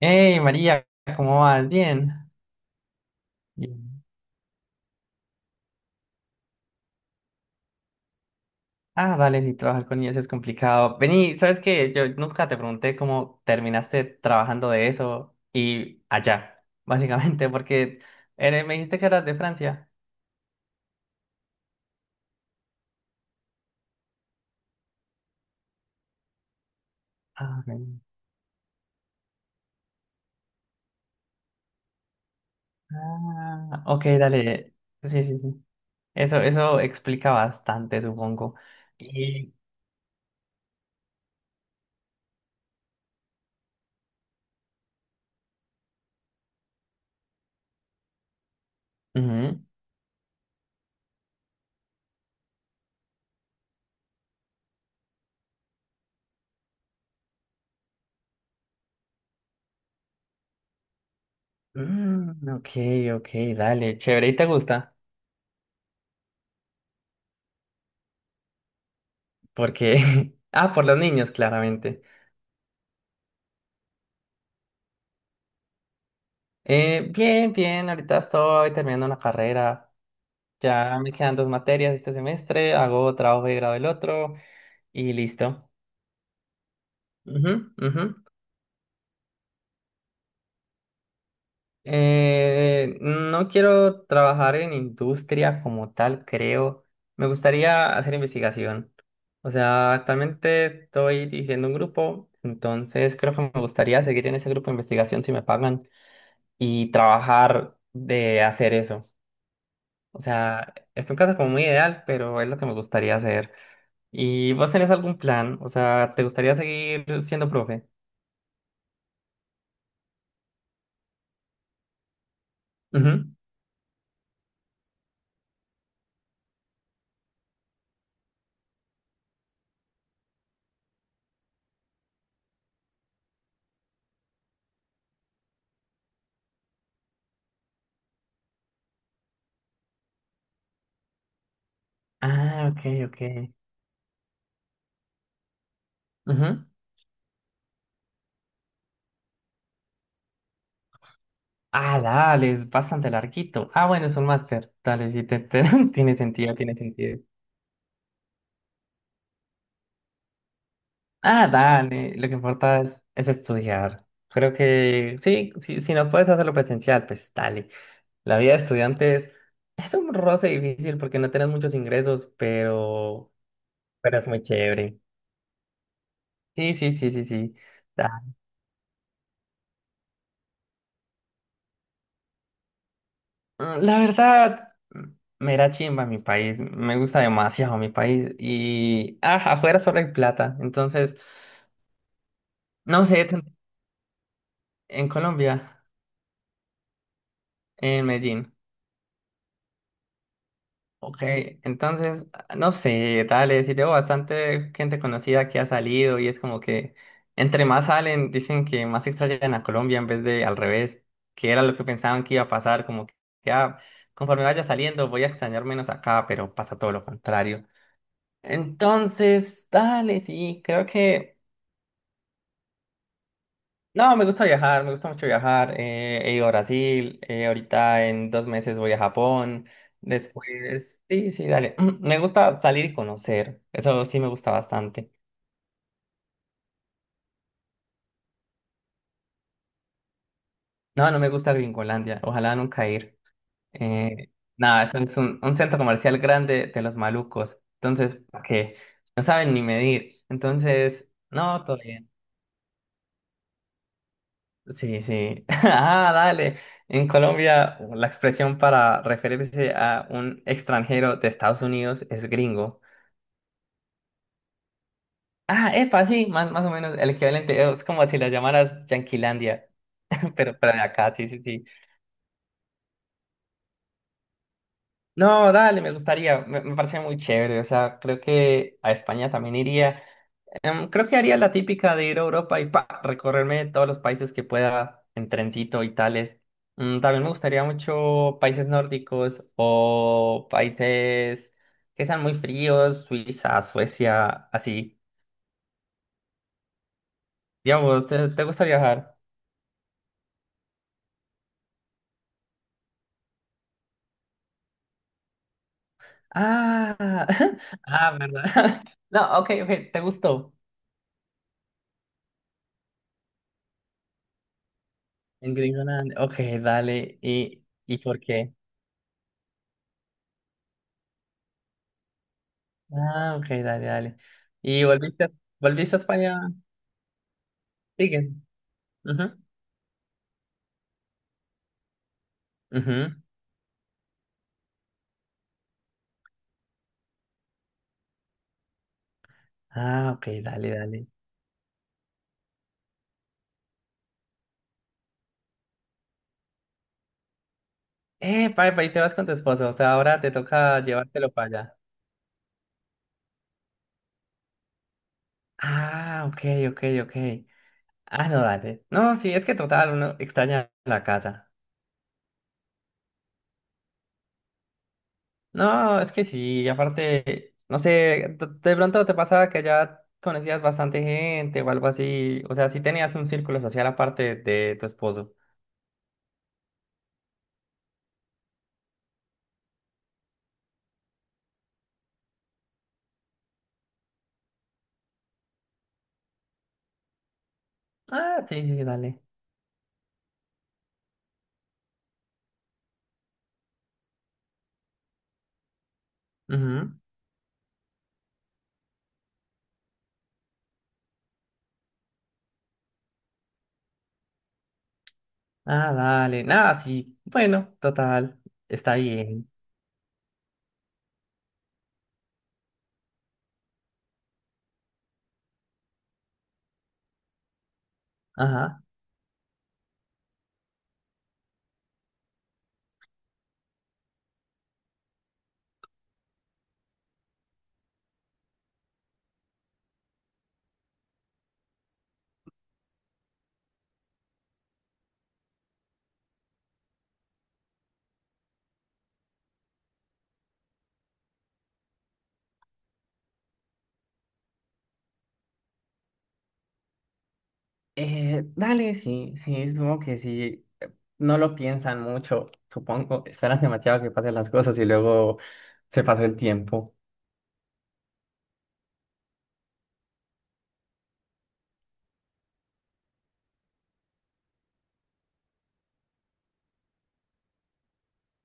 Hey María, ¿cómo vas? Bien. Bien. Ah, dale, si trabajar con niños es complicado. Vení, ¿sabes qué? Yo nunca te pregunté cómo terminaste trabajando de eso y allá, básicamente, porque me dijiste que eras de Francia. Ah, ok. Ah, ok, dale. Sí, sí, sí. Eso explica bastante, supongo. Y, ujú. Mm, ok, ok, dale, chévere, ¿y te gusta? Porque, ah, por los niños, claramente. Bien, bien, ahorita estoy terminando una carrera. Ya me quedan dos materias este semestre, hago trabajo de grado el otro y listo. Ujú, ujú. No quiero trabajar en industria como tal, creo. Me gustaría hacer investigación. O sea, actualmente estoy dirigiendo un grupo, entonces creo que me gustaría seguir en ese grupo de investigación si me pagan y trabajar de hacer eso. O sea, es un caso como muy ideal, pero es lo que me gustaría hacer. ¿Y vos tenés algún plan? O sea, ¿te gustaría seguir siendo profe? Ujú. Ah, ok, ok. Ujú. Ah, dale, es bastante larguito. Ah, bueno, es un máster. Dale, sí, tiene sentido, tiene sentido. Ah, dale, lo que importa es estudiar. Creo que sí, sí, si no puedes hacerlo presencial, pues dale. La vida de estudiante es un roce difícil porque no tenés muchos ingresos, pero es muy chévere. Sí, sí, sí, sí, sí. Da- La verdad, me da chimba mi país. Me gusta demasiado mi país. Y ah, afuera solo hay plata. Entonces, no sé, en Colombia, en Medellín. Ok, entonces, no sé, dale, sí tengo bastante gente conocida que ha salido y es como que entre más salen, dicen que más extrañan a Colombia en vez de al revés, que era lo que pensaban que iba a pasar, como que ya, conforme vaya saliendo voy a extrañar menos acá, pero pasa todo lo contrario. Entonces, dale, sí, creo que... No, me gusta viajar, me gusta mucho viajar. He ido a Brasil, ahorita en 2 meses voy a Japón, después... Sí, sí, dale. Me gusta salir y conocer, eso sí me gusta bastante. No, no me gusta Gringolandia, ojalá nunca ir. Eh, nada, eso es un centro comercial grande de los malucos, entonces, ¿para qué? No saben ni medir, entonces, no, todo bien. Sí, sí. Ah, dale. En Colombia, la expresión para referirse a un extranjero de Estados Unidos es gringo. Ah, epa, sí, más, más o menos el equivalente. Es como si la llamaras Yanquilandia, pero de acá, sí, sí, sí. No, dale, me gustaría. Me parece muy chévere. O sea, creo que a España también iría. Creo que haría la típica de ir a Europa y pa, recorrerme todos los países que pueda en trencito y tales. También me gustaría mucho países nórdicos o países que sean muy fríos, Suiza, Suecia, así. Digamos, ¿te gusta viajar? Ah, ah, ¿verdad? No, ok, ok, te gustó. En Gringoland, ok, dale. ¿Y por qué? Ah, ok, dale, dale. ¿Y volviste, volviste a España? Sigue. Ujú. Ujú. Ah, ok, dale, dale. Y te vas con tu esposo, o sea, ahora te toca llevártelo para allá. Ah, ok, ok, ok. Ah, no, dale. No, sí, es que total, uno extraña la casa. No, es que sí, y aparte, no sé, de pronto te pasaba que ya conocías bastante gente o algo así, o sea, sí tenías un círculo social aparte de tu esposo. Ah, sí, sí, sí, dale. Ujú. Ah, dale. Nada, sí. Bueno, total, está bien. Ajá. Dale, sí, sí, supongo que sí. No lo piensan mucho, supongo. Esperan demasiado que pasen las cosas y luego se pasó el tiempo.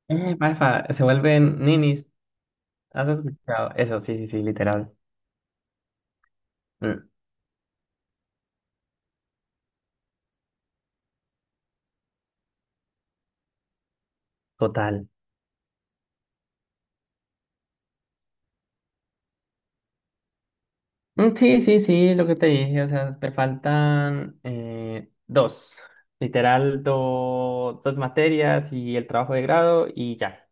Malfa, se vuelven ninis. ¿Has escuchado? Eso, sí, sí, sí, literal. Mm, total. Mm, sí, sí, sí, lo que te dije. O sea, me faltan dos. Literal, dos materias y el trabajo de grado y ya.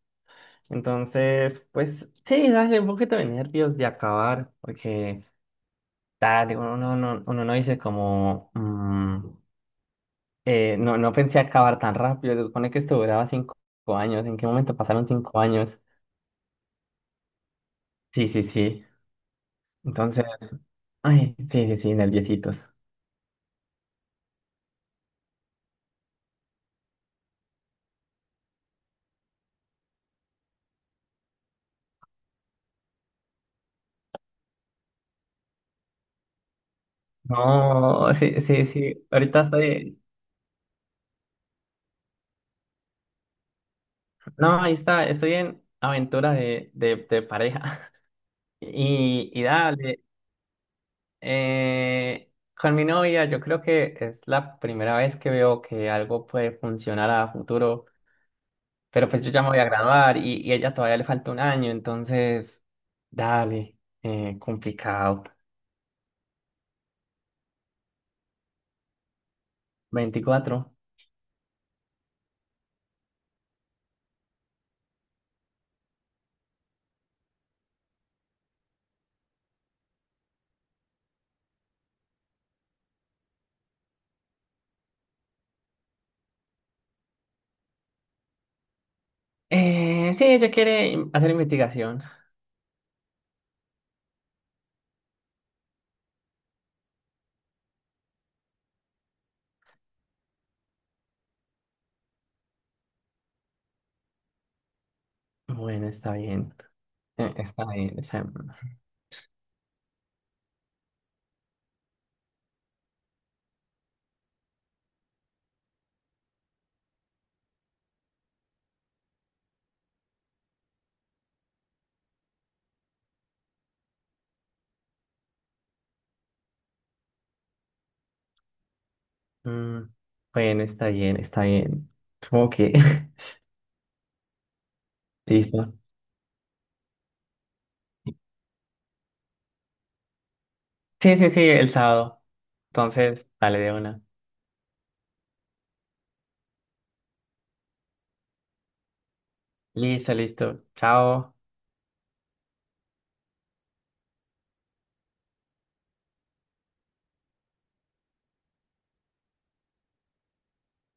Entonces, pues sí, dale un poquito de nervios de acabar, porque. Dale, uno no dice como, no, no pensé acabar tan rápido, se supone que esto duraba 5 años, ¿en qué momento pasaron 5 años? Sí, sí, sí, entonces, ay, sí, sí, sí, nerviositos. No, sí, sí, sí, no, ahí está, estoy en aventura de, de pareja y dale, eh, con mi novia yo creo que es la primera vez que veo que algo puede funcionar a futuro. Pero pues yo ya me voy a graduar y a ella todavía le falta un año, entonces, dale, complicado. 24 sí, ella quiere hacer investigación. Bueno, está bien. Está bien, está bien. Mm, bueno, está bien, está bien. Supongo que. Listo. Sí, sí, sí, el sábado. Entonces, dale de una. Listo, listo. Chao.